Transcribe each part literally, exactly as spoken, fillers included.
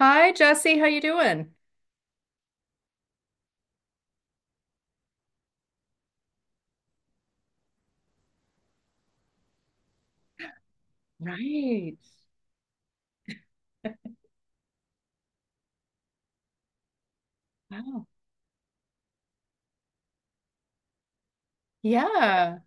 Hi, Jesse. How you doing? Right. Wow. Yeah.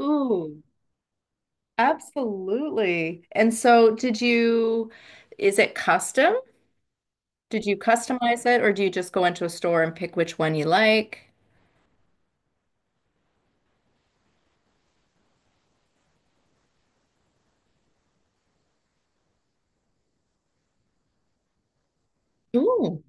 Ooh, absolutely. And so did you, is it custom? Did you customize it, or do you just go into a store and pick which one you like? Ooh.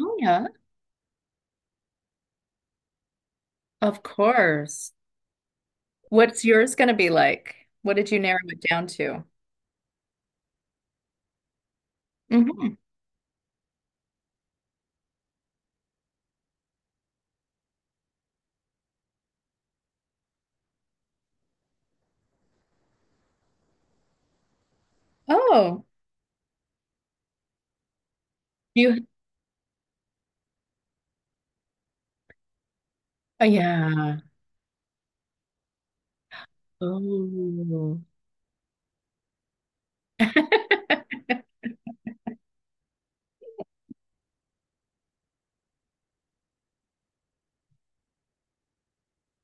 Oh yeah. Of course. What's yours going to be like? What did you narrow it down to? Hmm. Oh, you. Oh, yeah. Oh.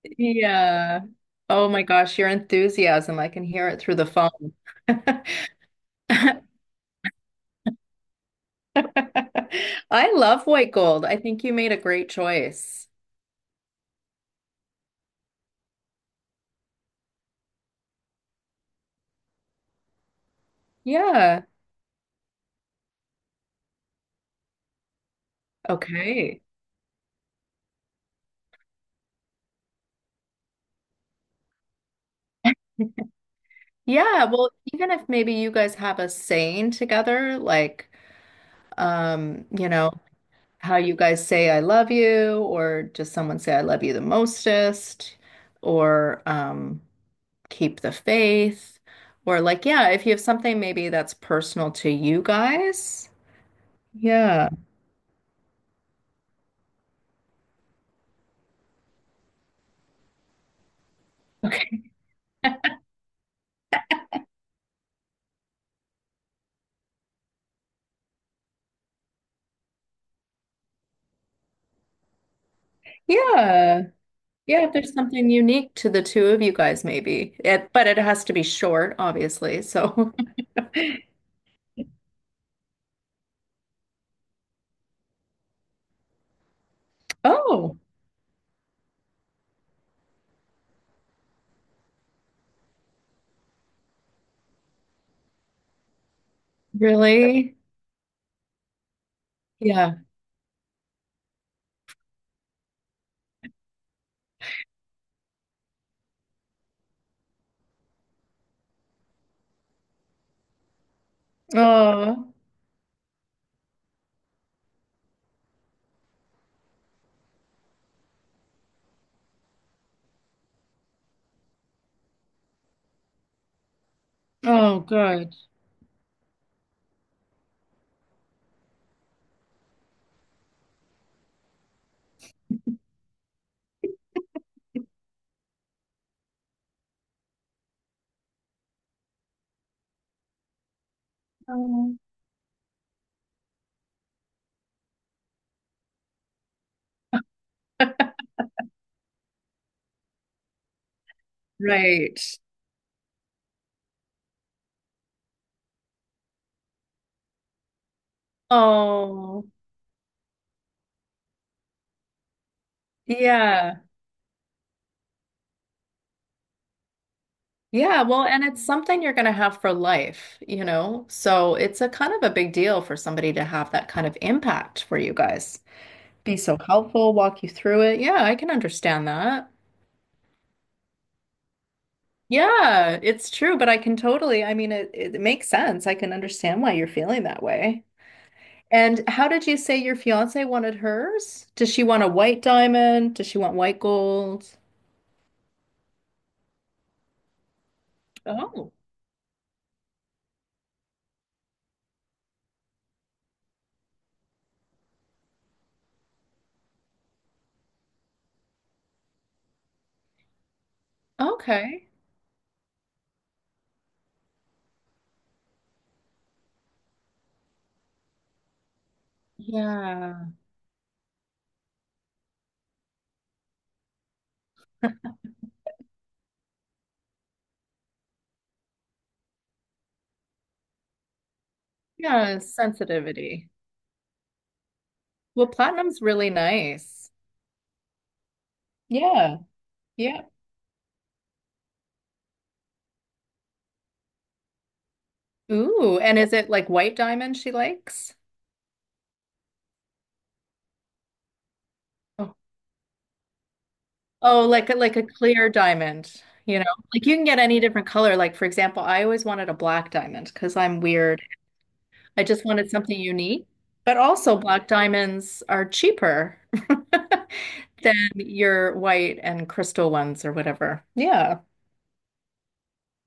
Yeah. Oh my gosh, your enthusiasm. I can hear it through the phone. I love white gold. I think you made a great choice. Yeah. Okay. Yeah, well, even if maybe you guys have a saying together, like, um, you know, how you guys say I love you, or just someone say I love you the mostest, or, um, keep the faith, or like, yeah, if you have something maybe that's personal to you guys. Yeah. Okay. Yeah. Yeah, if there's something unique to the two of you guys, maybe it, but it has to be short, obviously, so. Oh, really. Yeah. Oh. Oh good. Oh. Right. Oh yeah. Yeah, well, and it's something you're going to have for life, you know? So it's a kind of a big deal for somebody to have that kind of impact for you guys. Be so helpful, walk you through it. Yeah, I can understand that. Yeah, it's true, but I can totally, I mean, it, it makes sense. I can understand why you're feeling that way. And how did you say your fiance wanted hers? Does she want a white diamond? Does she want white gold? Oh, okay. Yeah. Yeah, sensitivity. Well, platinum's really nice. Yeah. Yeah. Ooh, and is it like white diamond she likes? Oh. Oh, like a, like a clear diamond, you know? Like you can get any different color. Like for example, I always wanted a black diamond because I'm weird. I just wanted something unique. But also black diamonds are cheaper than your white and crystal ones or whatever. Yeah.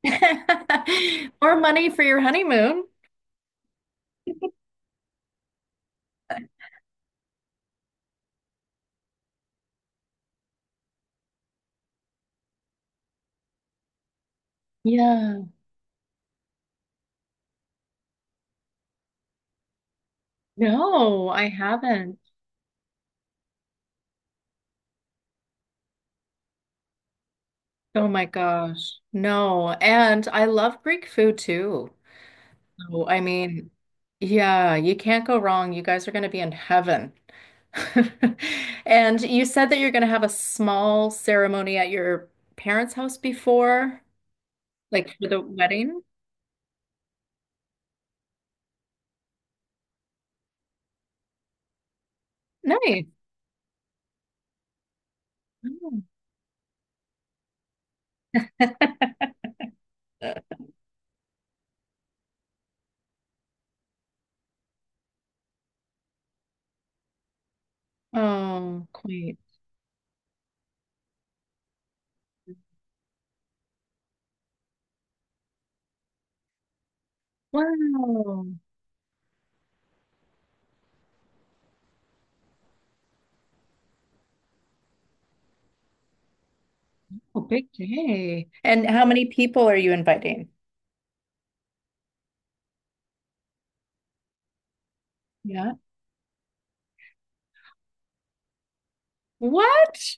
More money for your honeymoon. Yeah. No, I haven't. Oh my gosh. No. And I love Greek food too. So, I mean, yeah, you can't go wrong. You guys are going to be in heaven. And you said that you're going to have a small ceremony at your parents' house before, like for the wedding. Nice. Oh. Oh, queen. Wow. Oh, big day. And how many people are you inviting? Yeah. What?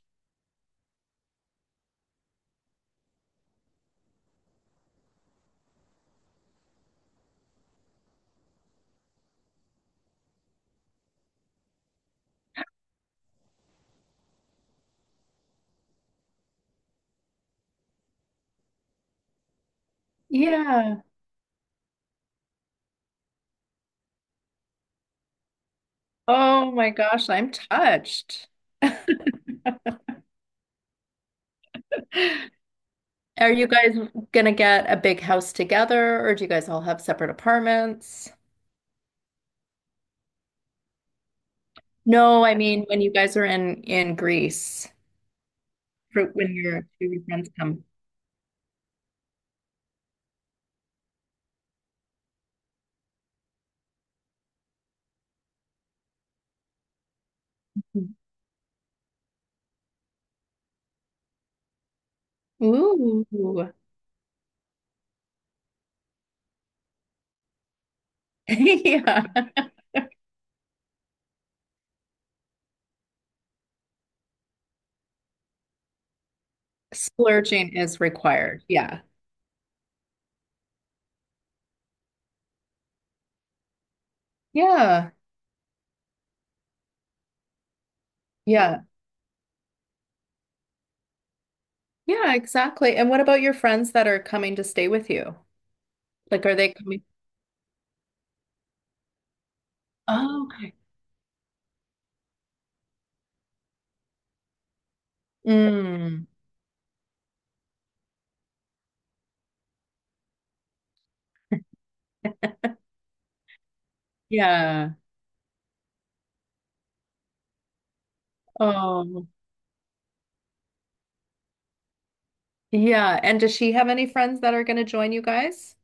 Yeah. Oh my gosh, I'm touched. Are you guys gonna get a big house together, or do you guys all have separate apartments? No, I mean when you guys are in in Greece, for when your two of your friends come. Ooh. Yeah. Splurging is required. Yeah. Yeah. Yeah. Yeah, exactly. And what about your friends that are coming to stay with you? Like, are they coming? Oh, okay. Mm. Yeah. Oh. Yeah, and does she have any friends that are going to join you guys?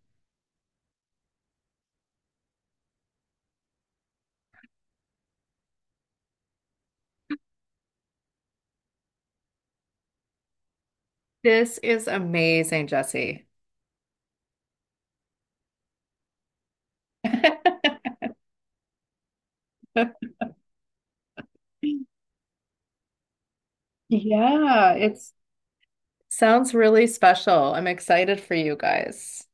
This is amazing, Jesse. Yeah, it's sounds really special. I'm excited for you guys.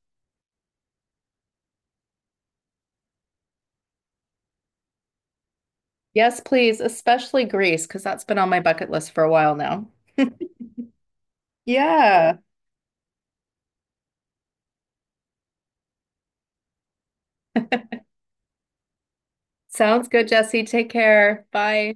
Yes, please, especially Greece, because that's been on my bucket list for a while now. Yeah. Sounds good, Jesse. Take care. Bye.